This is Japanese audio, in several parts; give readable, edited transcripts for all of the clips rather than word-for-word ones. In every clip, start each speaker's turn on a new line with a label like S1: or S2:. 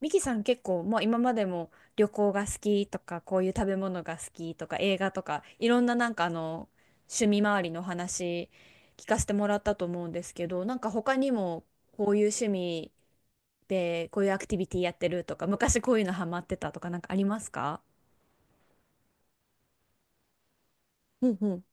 S1: ミキさん結構もう今までも旅行が好きとかこういう食べ物が好きとか映画とかいろんななんかあの趣味周りの話聞かせてもらったと思うんですけどなんか他にもこういう趣味でこういうアクティビティやってるとか昔こういうのハマってたとかなんかありますか？うんうん。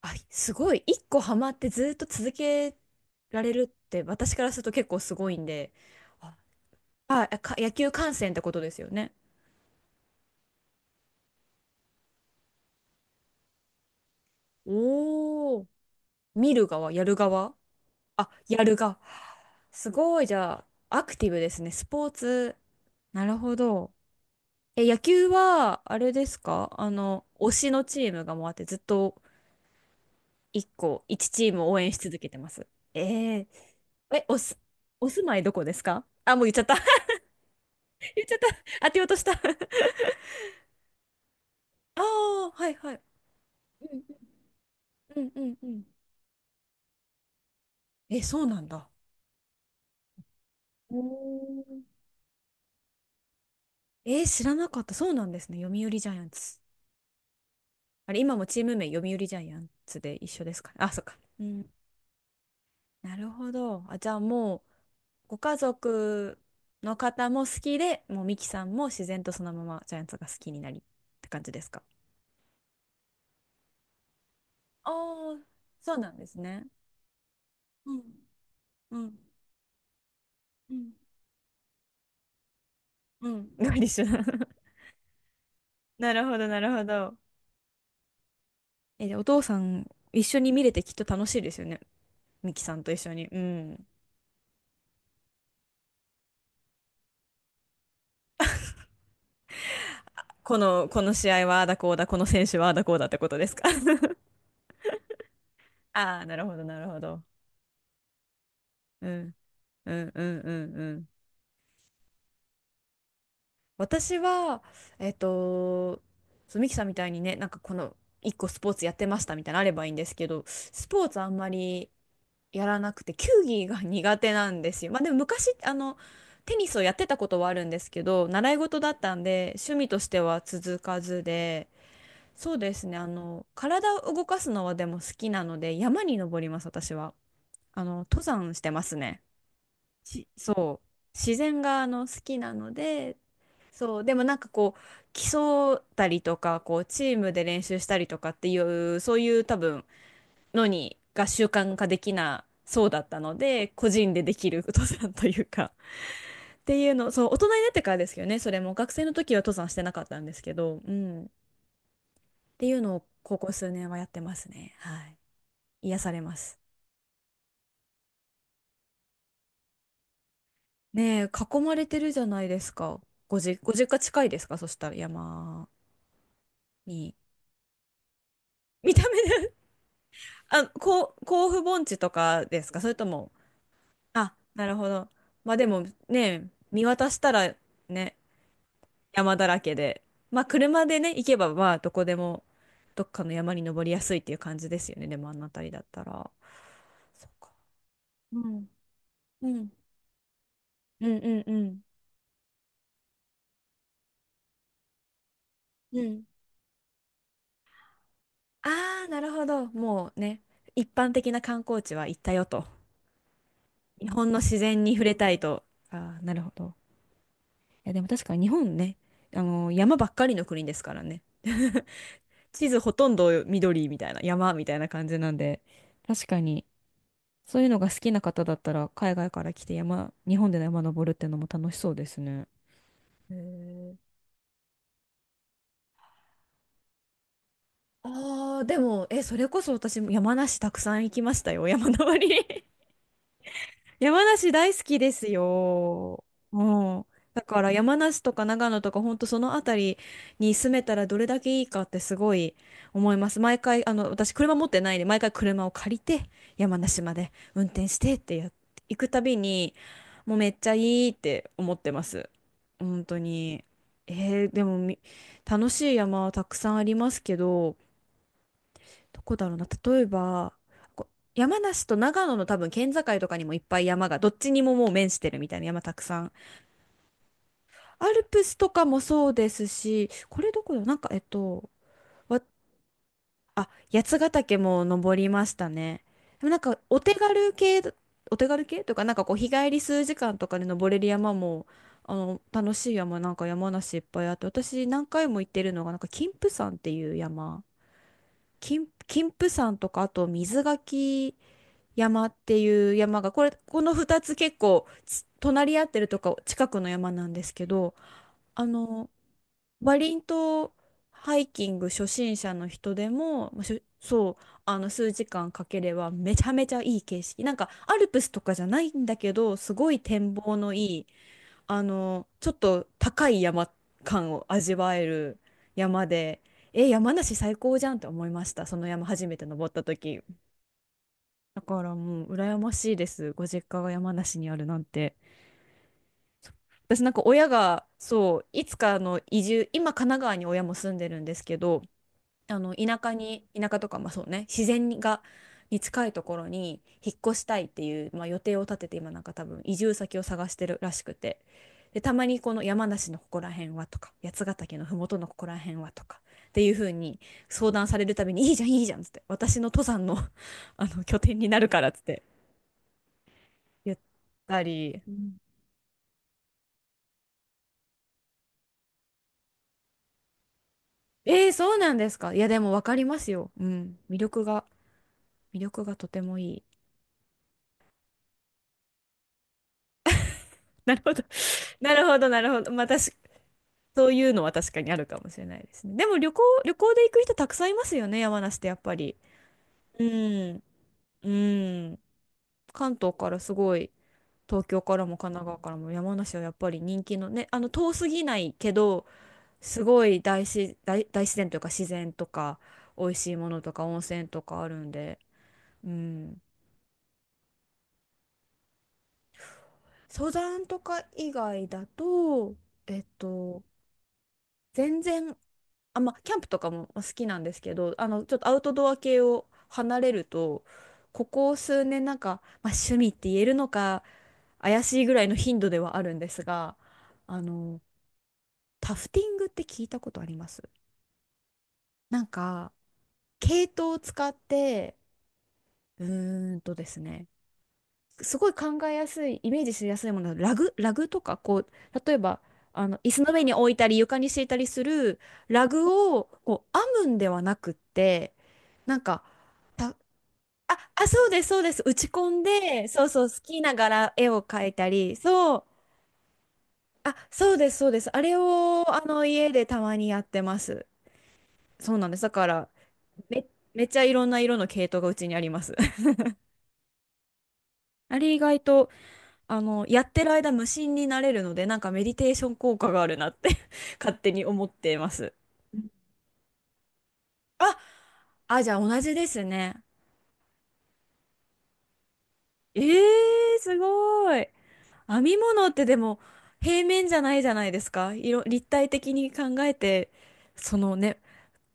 S1: あ、すごい一個ハマってずっと続けられるって私からすると結構すごいんで、あ、野球観戦ってことですよね？おー、見る側やる側？あ、やるが。すごい、じゃあ、アクティブですね。スポーツ。なるほど。え、野球は、あれですか？あの、推しのチームがもうあって、ずっと一個、一チームを応援し続けてます？えー、え、おす、お住まいどこですか？あ、もう言っちゃった。言っちゃった。当てようとした。ああ、はいはい。うんうんうんうん。え、そうなんだ。おー、えー知らなかった。そうなんですね。読売ジャイアンツ。あれ、今もチーム名、読売ジャイアンツで一緒ですかね。あ、そっか。うん。なるほど。あ、じゃあもう、ご家族の方も好きで、もうミキさんも自然とそのままジャイアンツが好きになりって感じですか？ああー、そうなんですね。うん、うん、うん、うん。が一緒だ。なるほど、なるほど。え、でお父さん、一緒に見れてきっと楽しいですよね。ミキさんと一緒に。うん。この、この試合はああだこうだ、この選手はああだこうだってことですか？ ああ、なるほど、なるほど。うん、うん、うん、うん、うん。私は、えっと、そう、ミキさんみたいにね、なんかこの、一個スポーツやってましたみたいなのあればいいんですけど、スポーツあんまりやらなくて、球技が苦手なんですよ。まあでも昔、あの、テニスをやってたことはあるんですけど、習い事だったんで、趣味としては続かずで、そうですね、あの、体を動かすのはでも好きなので、山に登ります、私は。あの、登山してますね。そう、自然があの好きなので、そう、でもなんかこう、競ったりとか、こう、チームで練習したりとかっていう、そういう多分、が習慣化できなそうだったので、個人でできる登山というか、っていうの、そう、大人になってからですけどね、それも、学生の時は登山してなかったんですけど、うん、っていうのを、ここ数年はやってますね。はい。癒されます。ねえ、囲まれてるじゃないですか。ご実家近いですか？そしたら山に。見た目で？ あ、こう、甲府盆地とかですか？それとも、あ、なるほど。まあでもね、見渡したらね、山だらけで、まあ車でね、行けばまあどこでも、どっかの山に登りやすいっていう感じですよね。でもあの辺りだったら。そうか。うん。うん。うんうんうん。うん。ああ、なるほど。もうね、一般的な観光地は行ったよと。日本の自然に触れたいと。ああ、なるほど。いや、でも確かに日本ね、あの、山ばっかりの国ですからね。地図ほとんど緑みたいな、山みたいな感じなんで、確かに、そういうのが好きな方だったら、海外から来て山、日本で山登るってのも楽しそうですね。へー、あー、でも、え、それこそ私も山梨たくさん行きましたよ、山登り。山梨大好きですよ。うん。だから山梨とか長野とか本当その辺りに住めたらどれだけいいかってすごい思います。毎回、あの、私車持ってないんで、毎回車を借りて山梨まで運転してってやっ、行くたびに、もうめっちゃいいって思ってます。本当に。えーでも楽しい山はたくさんありますけど、どこだろうな、例えば、こう山梨と長野の多分県境とかにもいっぱい山が、どっちにももう面してるみたいな山たくさん。アルプスとかもそうですし、これどこだ、なんか、えっと、わ八ヶ岳も登りましたね。でもなんか、お手軽系とか、なんかこう、日帰り数時間とかで登れる山も、あの、楽しい山、なんか山梨いっぱいあって、私何回も行ってるのが、なんか、金峰山っていう山。金峰山とか、あと水垣、山っていう山が、これ、この2つ結構つ隣り合ってるとか近くの山なんですけど、あの、バリン島ハイキング初心者の人でも、まあしょそう、あの数時間かければめちゃめちゃいい景色。なんかアルプスとかじゃないんだけど、すごい展望のいい、あの、ちょっと高い山感を味わえる山で、え、山梨最高じゃんって思いました。その山初めて登った時。だからもう羨ましいです。ご実家が山梨にあるなんて。私なんか親がそういつかあの移住、今神奈川に親も住んでるんですけど、あの田舎に、田舎とかまあそうね、自然がに近いところに引っ越したいっていう、まあ、予定を立てて今なんか多分移住先を探してるらしくて、でたまにこの山梨のここら辺はとか八ヶ岳の麓のここら辺はとかっていう風に相談されるたびに、いいじゃんいいじゃんっつって、私の登山の、 あの拠点になるからっつって言ったり。うん。えー、そうなんですか？いや、でも分かりますよ。うん。魅力が、とてもいい。なるほど。なるほど、なるほど。まあ、確かそういうのは確かにあるかもしれないですね。でも旅行で行く人たくさんいますよね、山梨ってやっぱり。うん。うん。関東からすごい、東京からも神奈川からも山梨はやっぱり人気のね、あの、遠すぎないけど、すごい大自然というか自然とか、美味しいものとか温泉とかあるんで、うん。登山とか以外だと、えっと、全然、あ、まあ、キャンプとかも好きなんですけど、あの、ちょっとアウトドア系を離れると、ここ数年なんか、まあ、趣味って言えるのか、怪しいぐらいの頻度ではあるんですが、あの、タフティングって聞いたことあります？なんか、毛糸を使って、うーんとですね、すごい考えやすい、イメージしやすいものは、ラグとか、こう、例えば、あの、椅子の上に置いたり、床に敷いたりするラグを、こう、編むんではなくって、なんか、た、あ、あ、そうです、そうです。打ち込んで、そうそう、好きな柄絵を描いたり、そう、あ、そうです、そうです。あれを、あの、家でたまにやってます。そうなんです。だから、め、めっちゃいろんな色の系統がうちにあります。あれ意外とあの、やってる間無心になれるので、なんかメディテーション効果があるなって 勝手に思っています。あ、じゃあ同じですね。えー、すごい。編み物ってでも平面じゃないじゃないですか。色、立体的に考えて、そのね、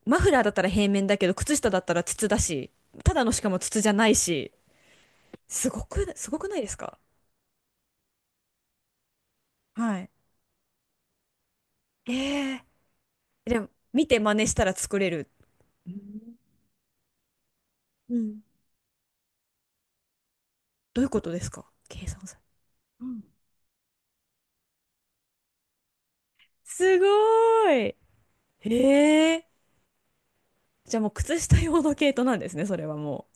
S1: マフラーだったら平面だけど、靴下だったら筒だし、ただのしかも筒じゃないし、すごくないですか？はい。ええー、でも見て真似したら作れる。うん、どういうことですか？計算され。すごーい。へえ。じゃあもう靴下用の毛糸なんですね、それはも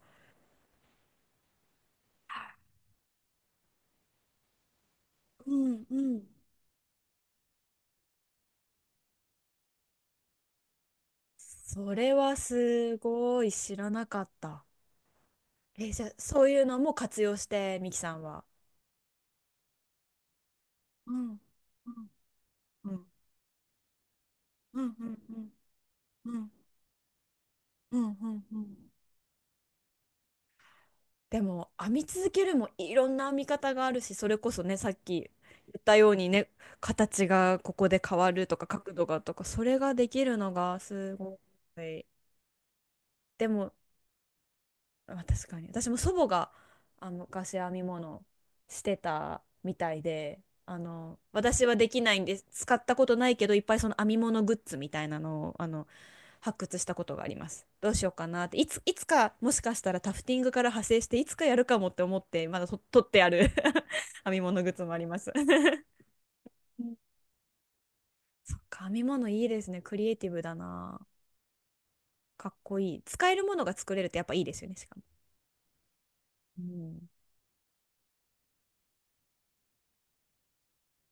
S1: う。うんうん。それはすごい知らなかった。え、じゃあそういうのも活用して、ミキさんは。うんうんうんうんうんうんうんうんうん。でも編み続けるもいろんな編み方があるし、それこそねさっき言ったようにね、形がここで変わるとか角度がとか、それができるのがすごい。でもまあ、確かに私も祖母があの昔編み物してたみたいで、あの私はできないんです、使ったことないけどいっぱいその編み物グッズみたいなのをあの発掘したことがあります。どうしようかなっていつかもしかしたらタフティングから派生していつかやるかもって思ってまだと取ってある 編み物グッズもあります。うん、そっか編み物いいですね、クリエイティブだな、かっこいい、使えるものが作れるってやっぱいいですよね、しかも、うん、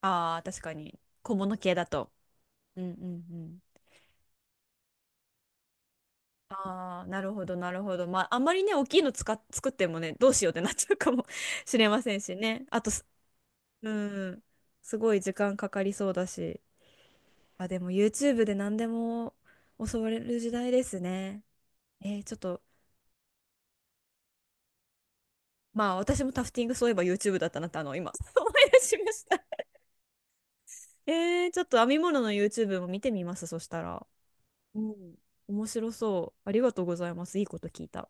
S1: ああ、確かに。小物系だと。うんうんうん、ああ、なるほど、なるほど。まあ、あんまりね、大きいの使っ、作ってもね、どうしようってなっちゃうかも しれませんしね。あとす、うん、すごい時間かかりそうだし。あ、でも YouTube で何でも教われる時代ですね。えー、ちょっと、まあ、私もタフティングそういえば YouTube だったなって、あの、今 思い出しました。えー、ちょっと編み物の YouTube も見てみます、そしたら。うん、面白そう。ありがとうございます。いいこと聞いた。